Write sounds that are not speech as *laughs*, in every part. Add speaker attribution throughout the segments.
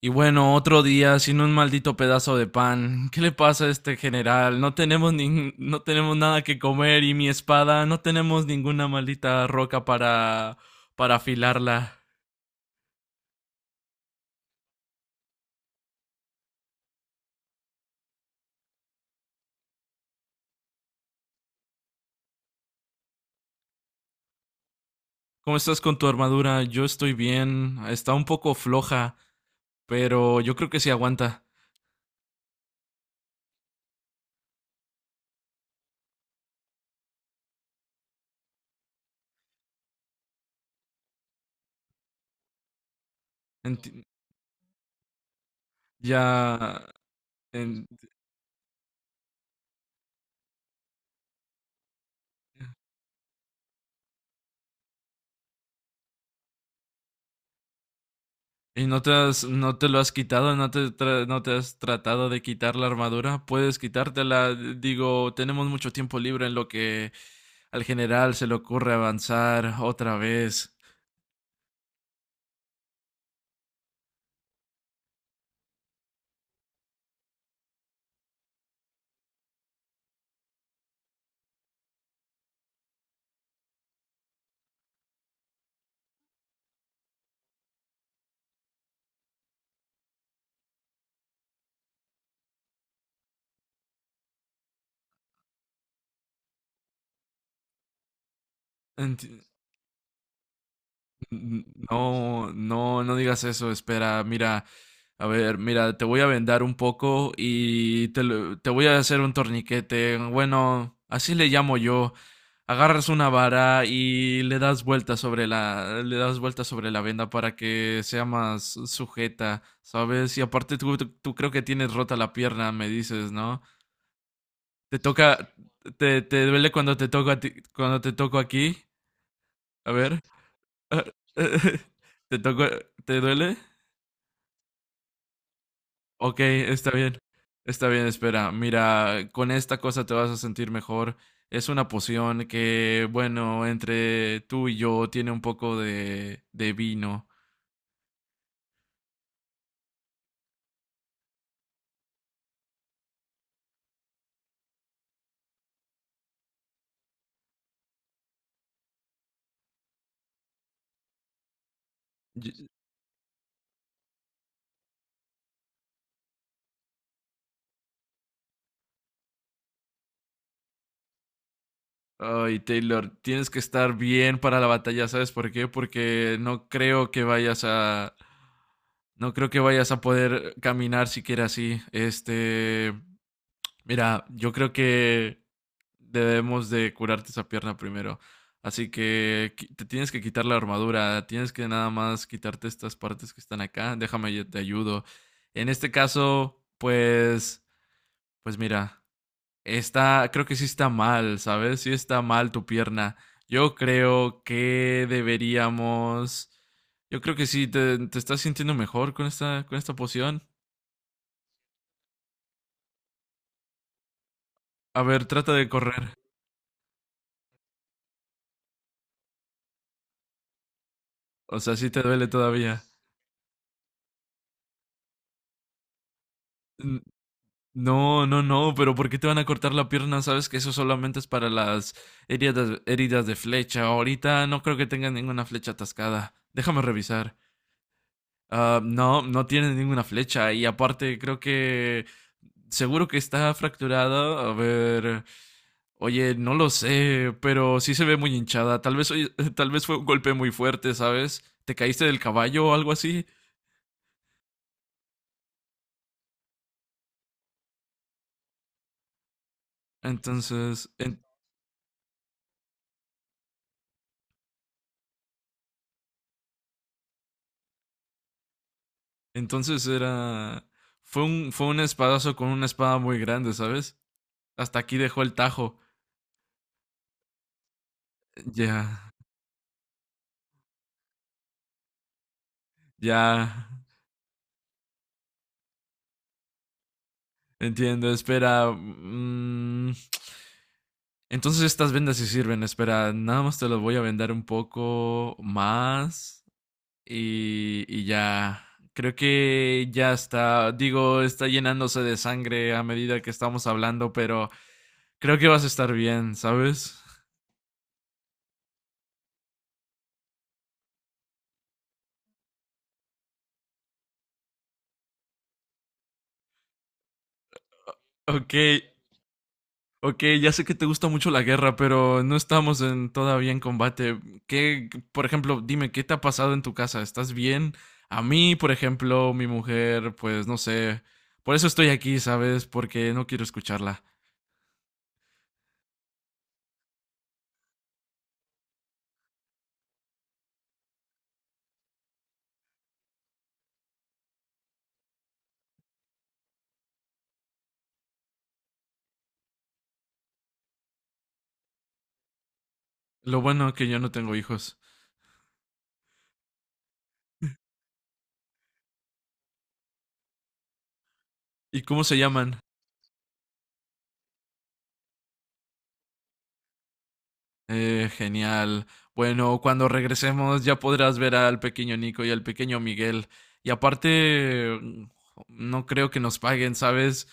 Speaker 1: Y bueno, otro día sin un maldito pedazo de pan. ¿Qué le pasa a este general? No tenemos no tenemos nada que comer y mi espada, no tenemos ninguna maldita roca para afilarla. ¿Cómo estás con tu armadura? Yo estoy bien. Está un poco floja, pero yo creo que sí aguanta. Enti- ya en- ¿Y no te lo has quitado? ¿No te has tratado de quitar la armadura? Puedes quitártela. Digo, tenemos mucho tiempo libre en lo que al general se le ocurre avanzar otra vez. Enti- No, no, no digas eso, espera, mira, a ver, mira, te voy a vendar un poco y te voy a hacer un torniquete, bueno, así le llamo yo. Agarras una vara y le das vueltas sobre le das vueltas sobre la venda para que sea más sujeta, ¿sabes? Y aparte tú creo que tienes rota la pierna, me dices, ¿no? Te toca, te duele cuando te toco a ti- cuando te toco aquí, a ver. Ah, eh, *laughs* ¿Te tocó? ¿Te duele? Ok, está bien. Está bien, espera. Mira, con esta cosa te vas a sentir mejor. Es una poción que, bueno, entre tú y yo tiene un poco de vino. Y- Ay, Taylor, tienes que estar bien para la batalla, ¿sabes por qué? Porque no creo que vayas a... No creo que vayas a poder caminar siquiera así. Este... Mira, yo creo que... debemos de curarte esa pierna primero. Así que te tienes que quitar la armadura, tienes que nada más quitarte estas partes que están acá. Déjame, yo te ayudo. En este caso, pues, pues mira, está, creo que sí está mal, ¿sabes? Sí está mal tu pierna. Yo creo que deberíamos, yo creo que sí, te estás sintiendo mejor con esta poción. A ver, trata de correr. O sea, sí te duele todavía. No, no, no, pero ¿por qué te van a cortar la pierna? Sabes que eso solamente es para las heridas, heridas de flecha. Ahorita no creo que tengan ninguna flecha atascada. Déjame revisar. Ah, no, no tiene ninguna flecha. Y aparte, creo que seguro que está fracturada. A ver. Oye, no lo sé, pero sí se ve muy hinchada. Tal vez, oye, *laughs* tal vez fue un golpe muy fuerte, ¿sabes? ¿Te caíste del caballo o algo así? Entonces, en- Entonces era. Fue un espadazo con una espada muy grande, ¿sabes? Hasta aquí dejó el tajo. Ya, ya. Entiendo, espera. Entonces estas vendas sí sirven, espera. Nada más te las voy a vender un poco más. Y ya. Creo que ya está. Digo, está llenándose de sangre a medida que estamos hablando, pero creo que vas a estar bien, ¿sabes? *laughs* Ok, Ok, ya sé que te gusta mucho la guerra, pero no estamos todavía en combate. ¿Qué, por ejemplo, dime, qué te ha pasado en tu casa? ¿Estás bien? A mí, por ejemplo, mi mujer, pues no sé. Por eso estoy aquí, ¿sabes? Porque no quiero escucharla. Lo bueno que yo no tengo hijos. ¿Y cómo se llaman? Genial. Bueno, cuando regresemos ya podrás ver al pequeño Nico y al pequeño Miguel. Y aparte, no creo que nos paguen, ¿sabes?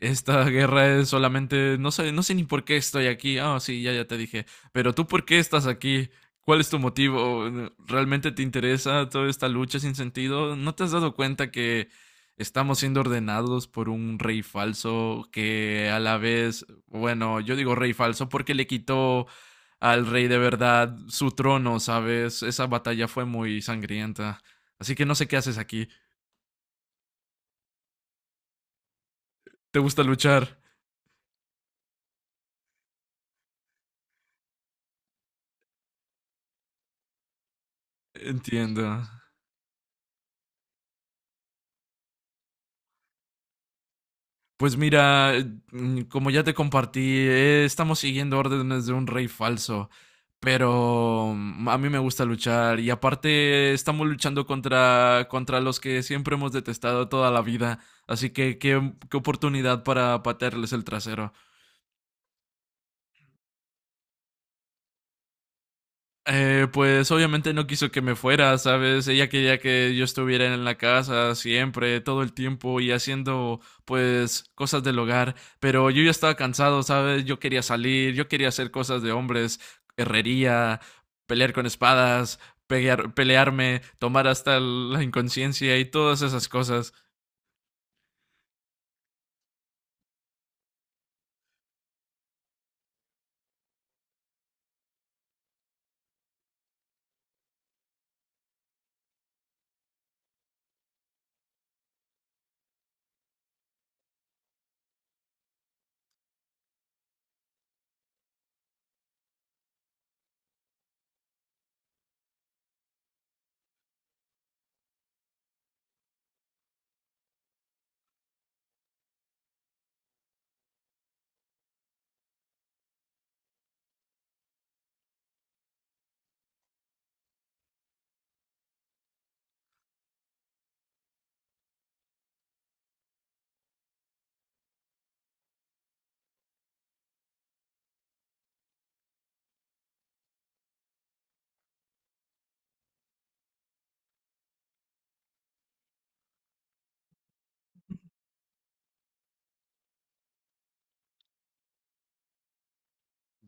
Speaker 1: Esta guerra es solamente... No sé, no sé ni por qué estoy aquí. Ah, sí, ya, ya te dije. Pero tú, ¿por qué estás aquí? ¿Cuál es tu motivo? ¿Realmente te interesa toda esta lucha sin sentido? ¿No te has dado cuenta que estamos siendo ordenados por un rey falso que a la vez, bueno, yo digo rey falso porque le quitó al rey de verdad su trono, ¿sabes? Esa batalla fue muy sangrienta. Así que no sé qué haces aquí. ¿Te gusta luchar? Entiendo. Pues mira, como ya te compartí, estamos siguiendo órdenes de un rey falso. Pero a mí me gusta luchar y aparte estamos luchando contra los que siempre hemos detestado toda la vida. Así que qué oportunidad para patearles el trasero. Pues obviamente no quiso que me fuera, ¿sabes? Ella quería que yo estuviera en la casa siempre, todo el tiempo y haciendo pues cosas del hogar, pero yo ya estaba cansado, ¿sabes? Yo quería salir, yo quería hacer cosas de hombres, herrería, pelear con espadas, pelearme, tomar hasta la inconsciencia y todas esas cosas.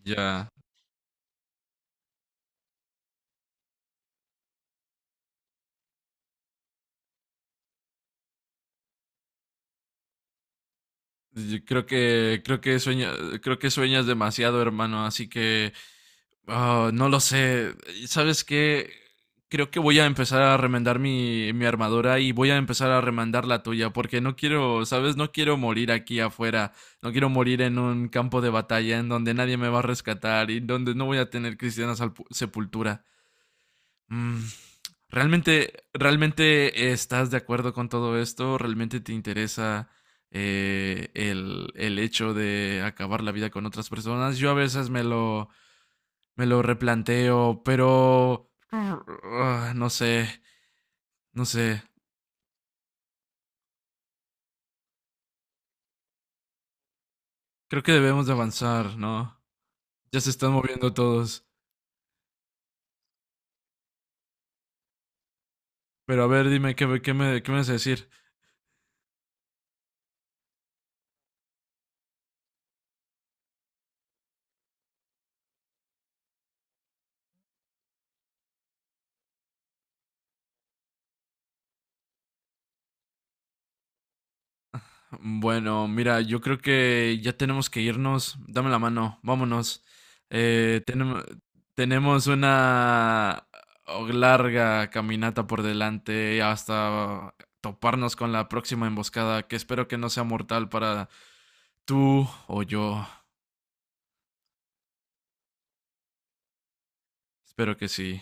Speaker 1: Ya, yo creo que creo que sueñas demasiado, hermano, así que Ah, no lo sé. ¿Sabes qué? Creo que voy a empezar a remendar mi armadura y voy a empezar a remendar la tuya, porque no quiero, ¿sabes? No quiero morir aquí afuera. No quiero morir en un campo de batalla en donde nadie me va a rescatar y donde no voy a tener cristiana sepultura. Mm, ¿Realmente, realmente estás de acuerdo con todo esto? ¿Realmente te interesa el hecho de acabar la vida con otras personas? Yo a veces me lo replanteo, pero... ah, no sé, no sé. Creo que debemos de avanzar, ¿no? Ya se están moviendo todos. Pero a ver, dime, ¿qué me vas a decir? Bueno, mira, yo creo que ya tenemos que irnos. Dame la mano, vámonos. Eh, tenemos, tenemos una larga caminata por delante hasta toparnos con la próxima emboscada, que espero que no sea mortal para tú o yo. Espero que sí.